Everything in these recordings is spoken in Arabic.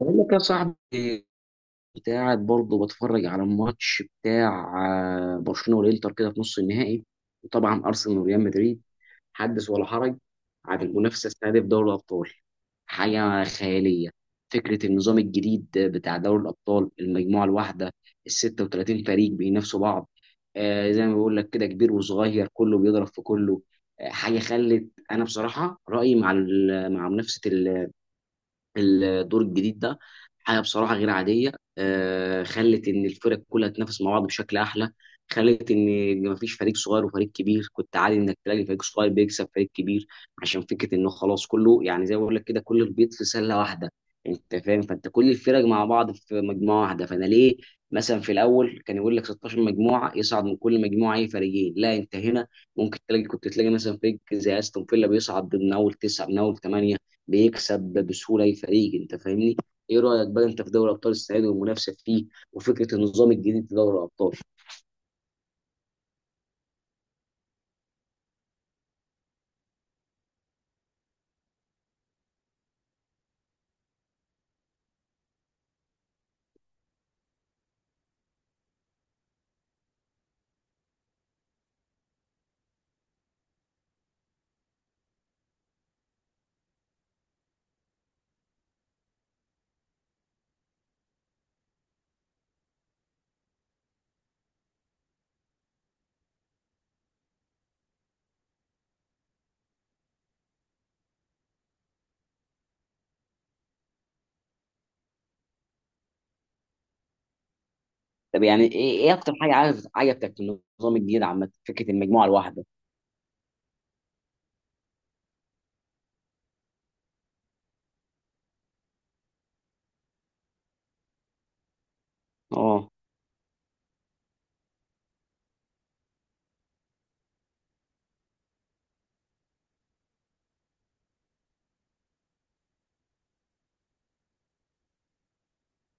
بقول لك يا صاحبي، كنت قاعد برضه بتفرج على الماتش بتاع برشلونه والانتر كده في نص النهائي، وطبعا ارسنال وريال مدريد حدث ولا حرج. عن المنافسه السنه دي في دوري الابطال، حاجه خياليه. فكره النظام الجديد بتاع دوري الابطال، المجموعه الواحده، ال 36 فريق بينافسوا بعض. زي ما بقول لك كده، كبير وصغير كله بيضرب في كله. حاجه خلت انا بصراحه رايي مع مع منافسه الدور الجديد ده، حاجه بصراحه غير عاديه. خلت ان الفرق كلها تنافس مع بعض بشكل احلى، خلت ان مفيش فريق صغير وفريق كبير. كنت عادي انك تلاقي فريق صغير بيكسب فريق كبير، عشان فكره انه خلاص كله يعني زي ما بقول لك كده، كل البيض في سله واحده. انت فاهم؟ فانت كل الفرق مع بعض في مجموعه واحده. فانا ليه مثلا في الاول كان يقول لك 16 مجموعه يصعد من كل مجموعه اي فريقين؟ لا انت هنا ممكن تلاقي، كنت تلاقي مثلا فريق زي استون فيلا بيصعد من اول تسعه، من اول ثمانيه، بيكسب بسهوله اي فريق. انت فاهمني؟ ايه رايك بقى انت في دوري ابطال السنه دي، والمنافسه فيه، وفكره النظام الجديد في دوري الابطال؟ طب يعني ايه، ايه اكتر حاجه عجبتك في النظام الجديد عامه، فكره المجموعه الواحده؟ اه.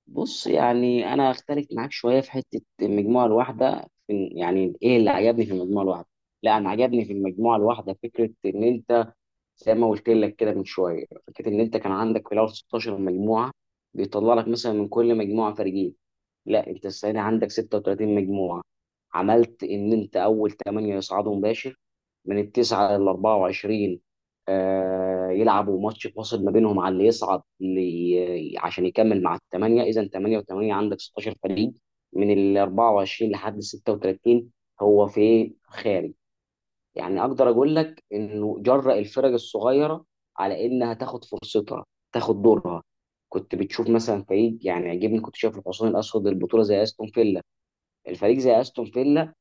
بص، يعني انا اختلف معاك شويه في حته المجموعه الواحده يعني ايه اللي عجبني في المجموعه الواحده؟ لا انا عجبني في المجموعه الواحده فكره ان انت، زي ما قلت لك كده من شويه، فكره ان انت كان عندك في الاول 16 مجموعه، بيطلع لك مثلا من كل مجموعه فريقين. لا انت السنه دي عندك 36 مجموعه، عملت ان انت اول 8 يصعدوا مباشر، من التسعه لل 24 آه يلعبوا ماتش فاصل ما بينهم على اللي يصعد لي عشان يكمل مع الثمانيه. اذا 8 و8 عندك 16 فريق، من ال 24 لحد ال 36 هو في خارج. يعني اقدر اقول لك انه جرأ الفرق الصغيره على انها تاخد فرصتها، تاخد دورها. كنت بتشوف مثلا فريق، يعني عجبني كنت شايف الحصان الاسود البطوله زي استون فيلا، الفريق زي استون فيلا،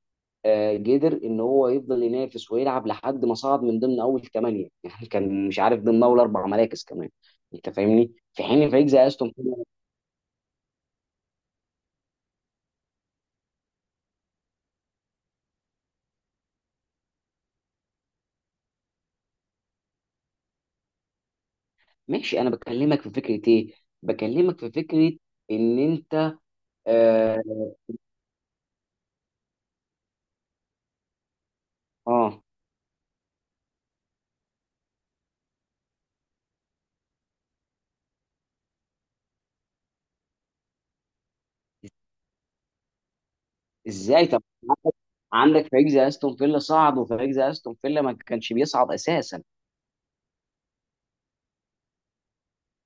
قدر ان هو يفضل ينافس ويلعب لحد ما صعد من ضمن اول ثمانيه يعني كان مش عارف ضمن اول اربع مراكز كمان. انت فاهمني؟ في حين فريق زي استون فيلا، ماشي. انا بكلمك في فكره ايه؟ بكلمك في فكره ان انت، اه، آه، ازاي طب؟ عندك، عندك فريق زي استون فيلا صعد، وفريق زي استون فيلا ما كانش بيصعد اساسا.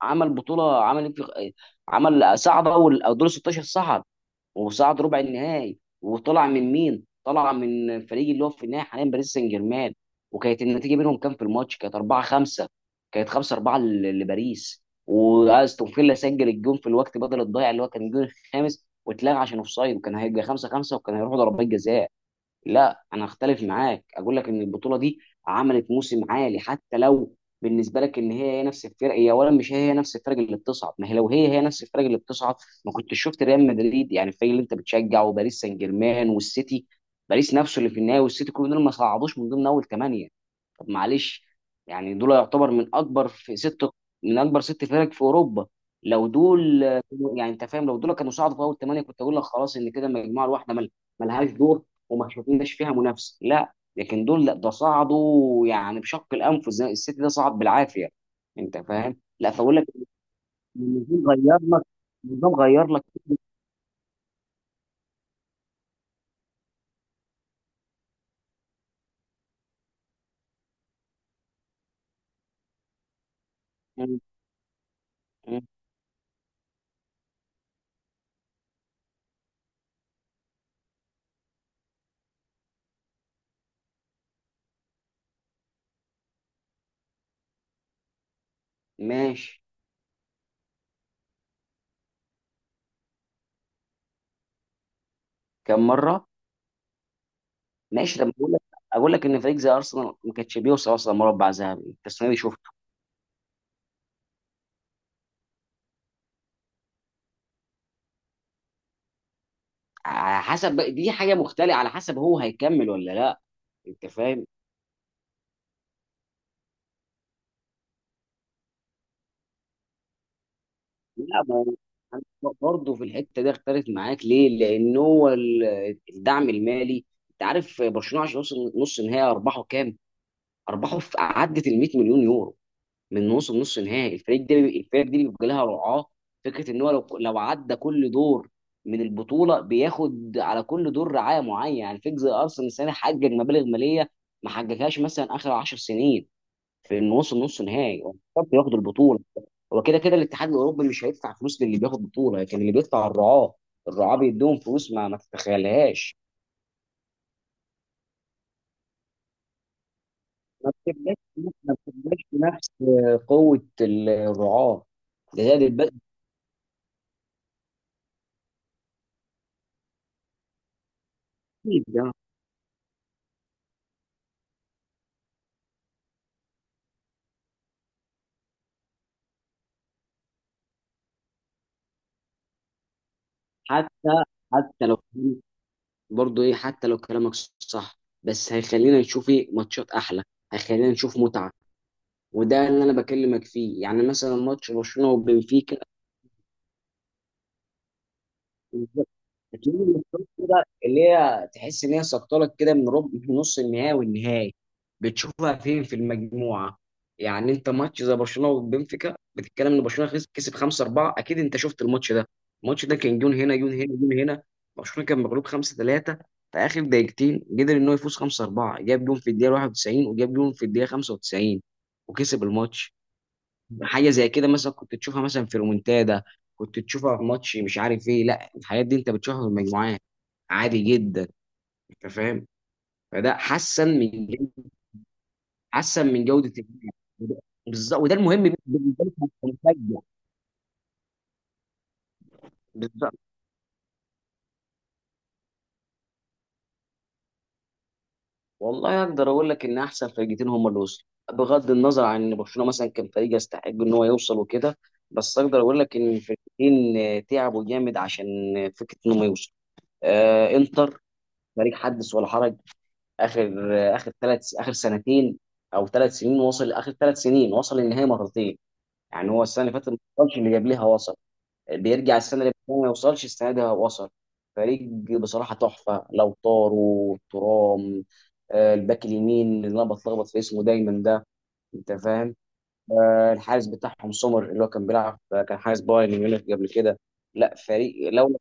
عمل بطوله، عمل إيه عمل، صعد اول او دور 16 صعد، وصعد ربع النهائي، وطلع من مين؟ طلع من الفريق اللي هو في النهائي حاليا باريس سان جيرمان. وكانت النتيجه بينهم كام في الماتش؟ كانت 4 5، كانت 5 4 لباريس. واستون فيلا سجل الجون في الوقت بدل الضايع اللي هو كان الجون الخامس واتلغى عشان اوفسايد، وكان هيبقى 5 5 وكان هيروحوا ضربات جزاء. لا انا اختلف معاك، اقول لك ان البطوله دي عملت موسم عالي. حتى لو بالنسبه لك ان هي نفس الفرق، هي اولا مش هي نفس الفرق اللي بتصعد. ما هي لو هي نفس الفرق اللي بتصعد، ما كنتش شفت ريال مدريد يعني الفريق اللي انت بتشجعه، وباريس سان جيرمان، والسيتي. باريس نفسه اللي في النهائي، والسيتي، كل دول ما صعدوش من ضمن اول ثمانيه. طب معلش، يعني دول يعتبر من اكبر في ست، من اكبر ست فرق في اوروبا. لو دول يعني انت فاهم، لو دول كانوا صعدوا في اول ثمانيه كنت اقول لك خلاص، ان كده المجموعه الواحده ملهاش دور، وما شفناش فيها منافسه. لا، لكن دول لا، ده صعدوا يعني بشق الانف، زي السيتي ده صعد بالعافيه. انت فاهم؟ لا فاقول لك، النظام غير لك، النظام غير لك. م- م- ماشي. كم مره؟ ماشي لما اقول لك، اقول لك ان فريق زي ارسنال ما كانش بيوصل اصلا مربع ذهبي، انت السنه دي شفت. على حسب دي حاجه مختلفه، على حسب هو هيكمل ولا لا. انت فاهم؟ لا، ما هو برضه في الحته دي اختلف معاك ليه؟ لان هو الدعم المالي. انت عارف برشلونه عشان يوصل نص نهائي ارباحه كام؟ ارباحه في عدت ال 100 مليون يورو. من وصل نص نهائي الفريق ده الفريق دي بيبقى لها رعاه. فكره ان هو لو عدى كل دور من البطوله بياخد على كل دور رعايه معينه. يعني فكره زي ارسنال السنه دي حقق مبالغ ماليه ما حققهاش مثلا اخر 10 سنين، في انه وصل نص نهائي. هو مش شرط ياخد البطوله. هو كده كده الاتحاد الاوروبي مش هيدفع فلوس للي بياخد بطوله، لكن اللي بيدفع الرعاه. الرعاه بيدوهم فلوس ما تتخيلهاش. ما بتبقاش، ما بتبقاش بنفس قوه الرعاه، ده زائد البدء. ده حتى، حتى لو برضه ايه، حتى لو كلامك صح، بس هيخلينا نشوف ايه ماتشات احلى، هيخلينا نشوف متعه. وده اللي انا بكلمك فيه. يعني مثلا ماتش برشلونه وبنفيكا، بتيجي من الشوط كده اللي هي تحس ان هي سقطلك كده من ربع، من نص النهائي والنهائي، بتشوفها فين؟ في المجموعه. يعني انت ماتش زي برشلونه وبنفيكا، بتتكلم ان برشلونه كسب 5 4. اكيد انت شفت الماتش ده. الماتش ده كان جون هنا، جون هنا، جون هنا. برشلونه كان مغلوب 5 3، في اخر دقيقتين قدر ان هو يفوز 5 4. جاب جون في الدقيقه 91 وجاب جون في الدقيقه 95 وكسب الماتش. حاجه زي كده مثلا كنت تشوفها مثلا في رومنتادا، كنت تشوفها في ماتش مش عارف ايه، لا الحاجات دي انت بتشوفها في المجموعات عادي جدا. انت فاهم؟ فده حسن من جودة، حسن من جودة اللعب. وده- بالظبط وده المهم بالنسبة لي كمشجع. بالظبط. والله اقدر اقول لك ان احسن فرقتين هم اللي وصلوا، بغض النظر عن ان برشلونة مثلا كان فريق يستحق ان هو يوصل وكده. بس اقدر اقول لك ان الفرقتين تعبوا جامد عشان فكرة انهم يوصلوا. آه انتر، فريق حدث ولا حرج. اخر اخر ثلاث، اخر سنتين او ثلاث سنين وصل، اخر ثلاث سنين وصل النهائي مرتين. يعني هو السنه اللي فاتت ما وصلش، اللي قبلها وصل. بيرجع السنه اللي فاتت ما يوصلش، السنه دي هو وصل. فريق بصراحه تحفه، لو طاروا ترام، الباك اليمين اللي انا بتلخبط في اسمه دايما ده. انت فاهم؟ الحارس بتاعهم سومر اللي هو كان بيلعب، كان حارس بايرن ميونخ قبل كده. لا فريق، لو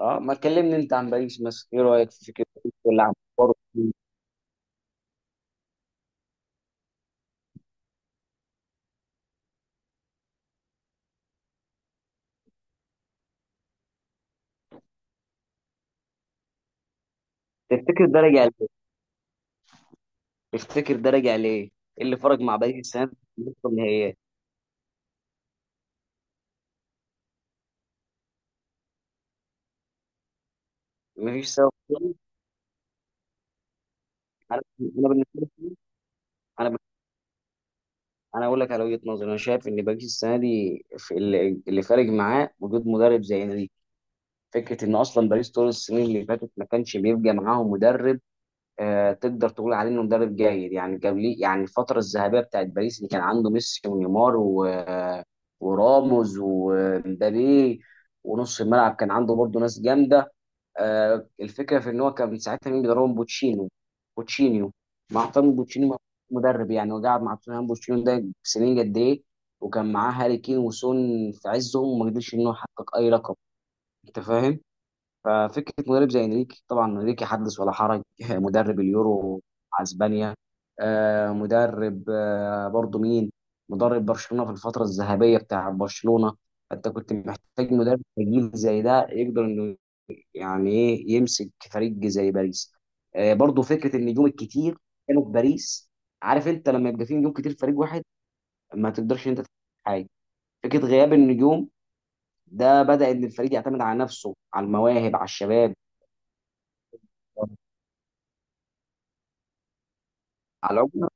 اه. ما تكلمني انت عن باريس مثلا. ايه رايك في فكره اللي عم برضه؟ تفتكر ده راجع ليه؟ تفتكر ده راجع ليه؟ ايه اللي فرق مع باريس السنه دي في النهائيات؟ مفيش سبب. أنا بالنسبه لي، انا انا اقول لك على وجهه نظري. انا شايف ان باريس السنه دي في اللي فارق معاه وجود مدرب زي انريكي. فكره ان اصلا باريس طول السنين اللي فاتت ما كانش بيبقى معاهم مدرب. آه تقدر تقول عليه انه مدرب جيد، يعني قبل، يعني الفتره الذهبيه بتاعت باريس اللي كان عنده ميسي ونيمار و وراموس ومبابي، ونص الملعب كان عنده برضه ناس جامده. الفكره في ان هو كان ساعتها مين بيدربهم؟ بوتشينو، بوتشينيو، مع احترامي بوتشينيو، مدرب يعني. وقعد مع توتنهام بوتشينيو ده سنين قد ايه، وكان معاه هاري كين وسون في عزهم، وما قدرش ان هو يحقق اي لقب. انت فاهم؟ ففكره مدرب زي انريكي، طبعا انريكي حدث ولا حرج مدرب اليورو مع اسبانيا. مدرب برضه مين، مدرب برشلونه في الفتره الذهبيه بتاع برشلونه. انت كنت محتاج مدرب تقيل زي ده يقدر انه يعني ايه، يمسك فريق زي باريس. آه برضو فكره النجوم الكتير كانوا في باريس. عارف انت لما يبقى فيه نجوم كتير في فريق واحد، ما تقدرش انت تعمل حاجه. فكره غياب النجوم ده بدا ان الفريق يعتمد على نفسه، على المواهب، على الشباب. على العموم،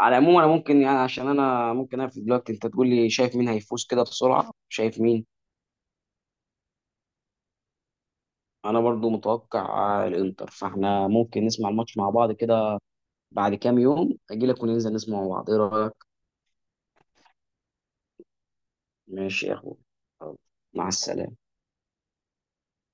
على العموم انا ممكن يعني، عشان انا ممكن اقفل دلوقتي، انت تقول لي شايف مين هيفوز كده بسرعه؟ شايف مين؟ انا برضو متوقع الانتر. فاحنا ممكن نسمع الماتش مع بعض كده، بعد كام يوم اجي لك وننزل نسمع مع بعض، ايه رايك؟ ماشي يا أخوي، يلا، مع السلامة.